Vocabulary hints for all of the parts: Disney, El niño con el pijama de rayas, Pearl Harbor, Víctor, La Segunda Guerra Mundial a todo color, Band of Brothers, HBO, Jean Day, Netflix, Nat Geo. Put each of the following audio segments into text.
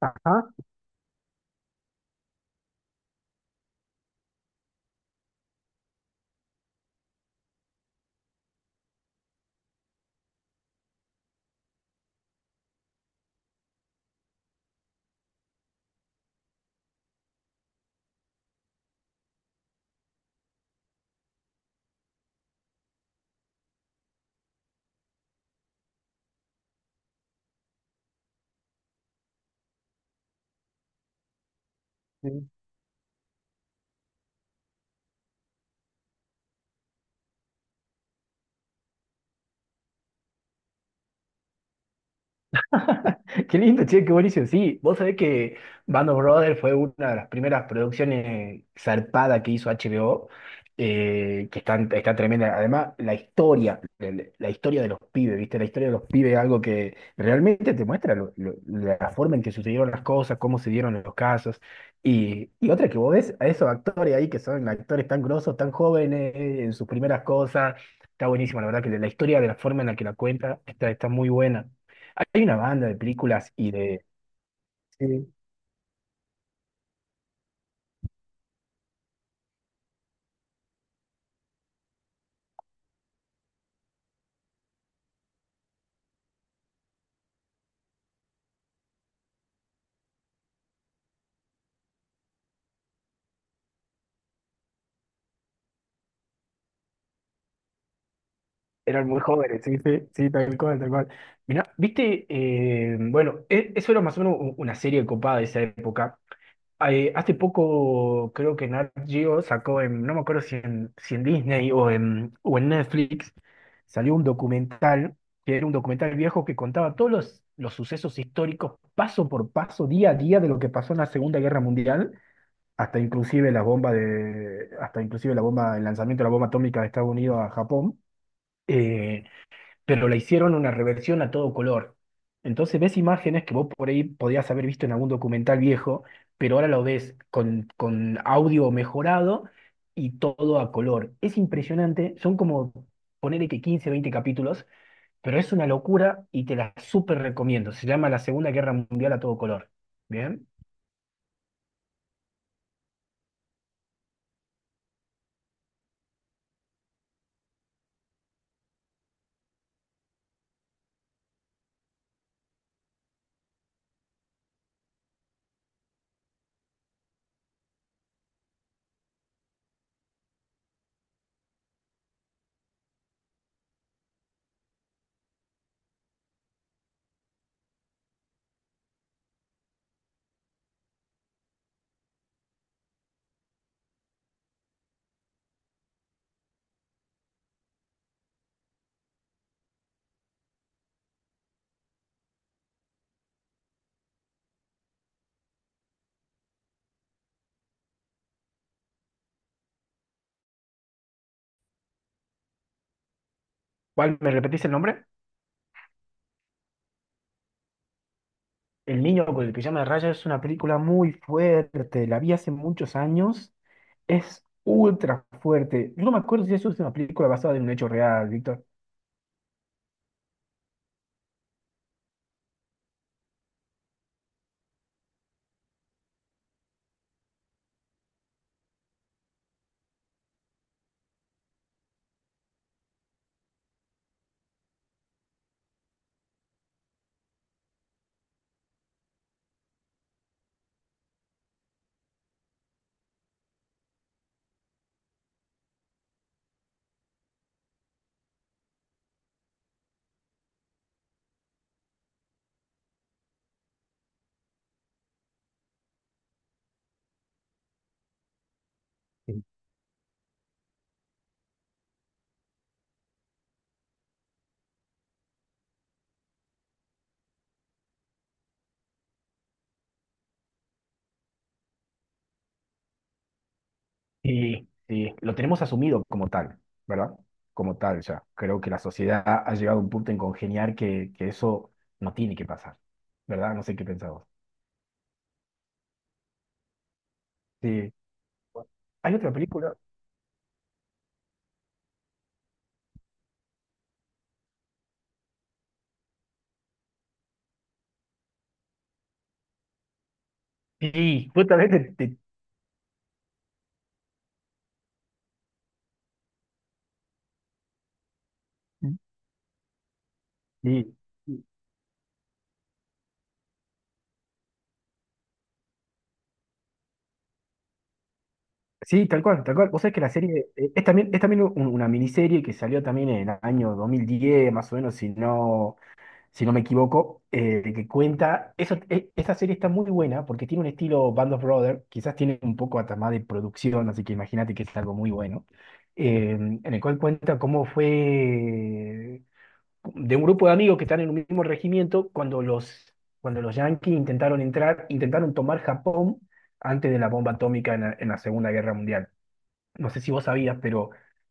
Ajá, sí. Qué lindo, che, qué buenísimo. Sí, vos sabés que Band of Brothers fue una de las primeras producciones zarpadas que hizo HBO, que está, está tremenda. Además, la historia, la historia de los pibes, ¿viste? La historia de los pibes es algo que realmente te muestra la forma en que sucedieron las cosas, cómo se dieron los casos. Y otra que vos ves a esos actores ahí que son actores tan grosos, tan jóvenes, en sus primeras cosas. Está buenísimo, la verdad que la historia de la forma en la que la cuenta está, está muy buena. Hay una banda de películas y de… Sí, eran muy jóvenes, sí, sí, sí, tal cual, tal cual. Mirá, viste, bueno, eso era más o menos una serie copada de esa época. Hace poco creo que Nat Geo sacó en, no me acuerdo si en Disney o en Netflix, salió un documental, que era un documental viejo que contaba todos los sucesos históricos, paso por paso, día a día, de lo que pasó en la Segunda Guerra Mundial hasta inclusive la bomba de, hasta inclusive la bomba, el lanzamiento de la bomba atómica de Estados Unidos a Japón, eh, pero la hicieron una reversión a todo color. Entonces ves imágenes que vos por ahí podías haber visto en algún documental viejo, pero ahora lo ves con audio mejorado y todo a color. Es impresionante, son como ponerle que 15, 20 capítulos, pero es una locura y te la súper recomiendo. Se llama La Segunda Guerra Mundial a todo color. ¿Bien? ¿Cuál me repetís el nombre? El niño con el pijama de rayas es una película muy fuerte, la vi hace muchos años, es ultra fuerte. Yo no me acuerdo si eso es una película basada en un hecho real, Víctor. Sí. Sí, sí, lo tenemos asumido como tal, ¿verdad? Como tal ya. Creo que la sociedad ha llegado a un punto en congeniar que eso no tiene que pasar, ¿verdad? No sé qué pensabas. Sí. ¿Hay otra película? Sí, justamente. Sí. Sí, tal cual, tal cual. Vos sabés que la serie es también una miniserie que salió también en el año 2010, más o menos, si no me equivoco, que cuenta. Eso, esta serie está muy buena porque tiene un estilo Band of Brothers, quizás tiene un poco hasta más de producción, así que imagínate que es algo muy bueno, en el cual cuenta cómo fue de un grupo de amigos que están en un mismo regimiento cuando los yanquis intentaron entrar, intentaron tomar Japón antes de la bomba atómica en la Segunda Guerra Mundial. No sé si vos sabías, pero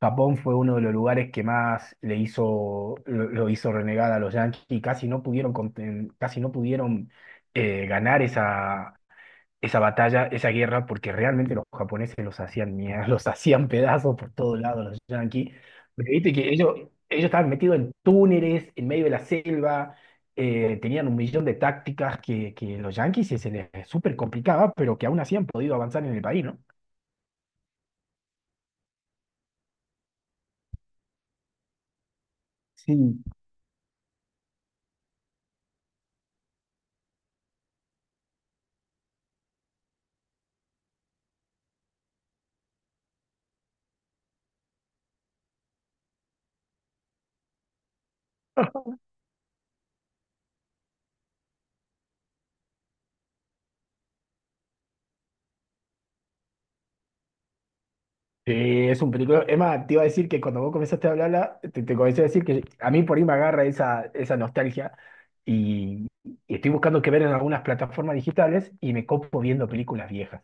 Japón fue uno de los lugares que más le hizo, lo hizo renegar a los Yankees y casi no pudieron, casi no pudieron ganar esa, esa batalla, esa guerra, porque realmente los japoneses los hacían mierda, los hacían pedazos por todos lados los Yankees. Porque viste que ellos estaban metidos en túneles, en medio de la selva, tenían un millón de tácticas que los Yankees se les súper complicaba, pero que aún así han podido avanzar en el país, ¿no? Sí, sí, es un película. Es más, te iba a decir que cuando vos comenzaste a hablarla, te comencé a decir que a mí por ahí me agarra esa, esa nostalgia y, y estoy buscando qué ver en algunas plataformas digitales y me copo viendo películas viejas.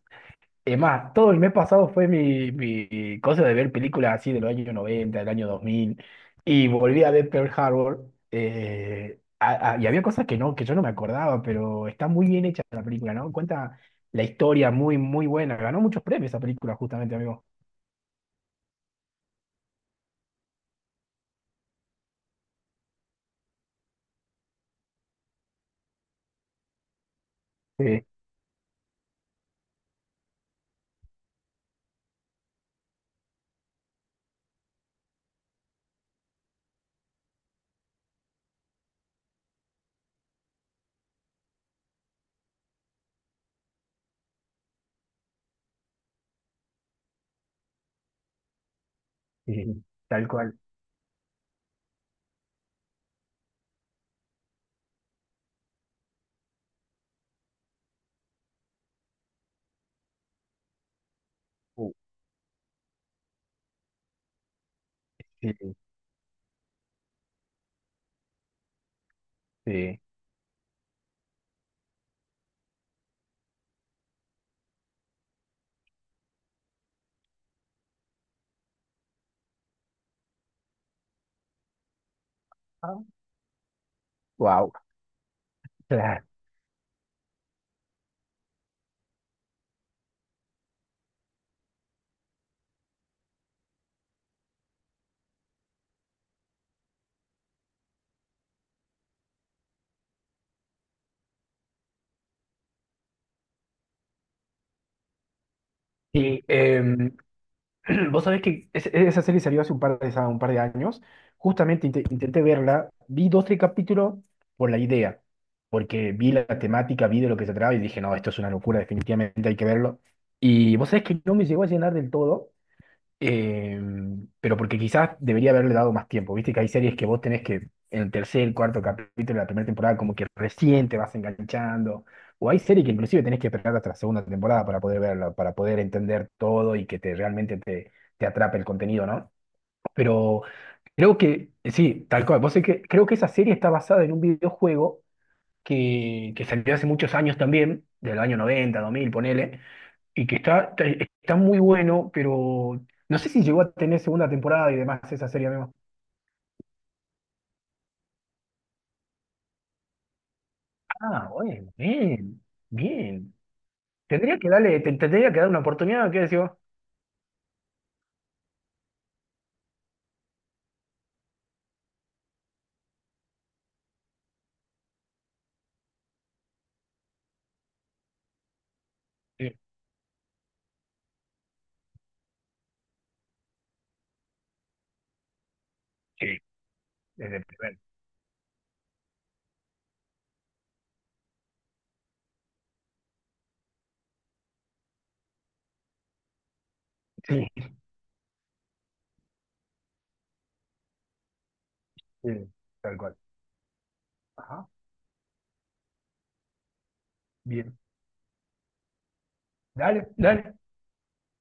Es más, todo el mes pasado fue mi, mi cosa de ver películas así de los años 90, del año 2000 y volví a ver Pearl Harbor y había cosas que no, que yo no me acordaba, pero está muy bien hecha la película, ¿no? Cuenta la historia muy, muy buena. Ganó muchos premios esa película justamente, amigo. Sí, tal cual. Uh, sí, sí. Wow. Claro. Y vos sabés que esa serie salió hace un par de años. Justamente intenté verla, vi dos, tres capítulos por la idea, porque vi la temática, vi de lo que se trataba y dije, no, esto es una locura, definitivamente hay que verlo. Y vos sabés que no me llegó a llenar del todo, Eh, pero porque quizás debería haberle dado más tiempo. Viste que hay series que vos tenés que en el tercer, cuarto capítulo de la primera temporada como que recién te vas enganchando. O hay series que inclusive tenés que esperar hasta la segunda temporada para poder verla, para poder entender todo y que te realmente te, te atrape el contenido, ¿no? Pero creo que, sí, tal cual. Vos sé que creo que esa serie está basada en un videojuego que salió hace muchos años también, del año 90, 2000 ponele y que está, está, está muy bueno, pero no sé si llegó a tener segunda temporada y demás esa serie, amigo. Ah, bueno, bien, bien. Tendría que darle, tendría que dar una oportunidad, ¿qué decís vos? Sí, sí, desde el primer. Sí, sí, tal cual. Ajá, bien. Dale, dale,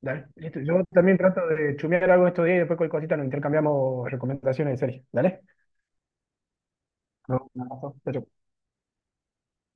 dale. Listo. Yo también trato de chumear algo estos días y después cualquier cosita nos intercambiamos recomendaciones de series. Dale. No, un abrazo. Chau, chau.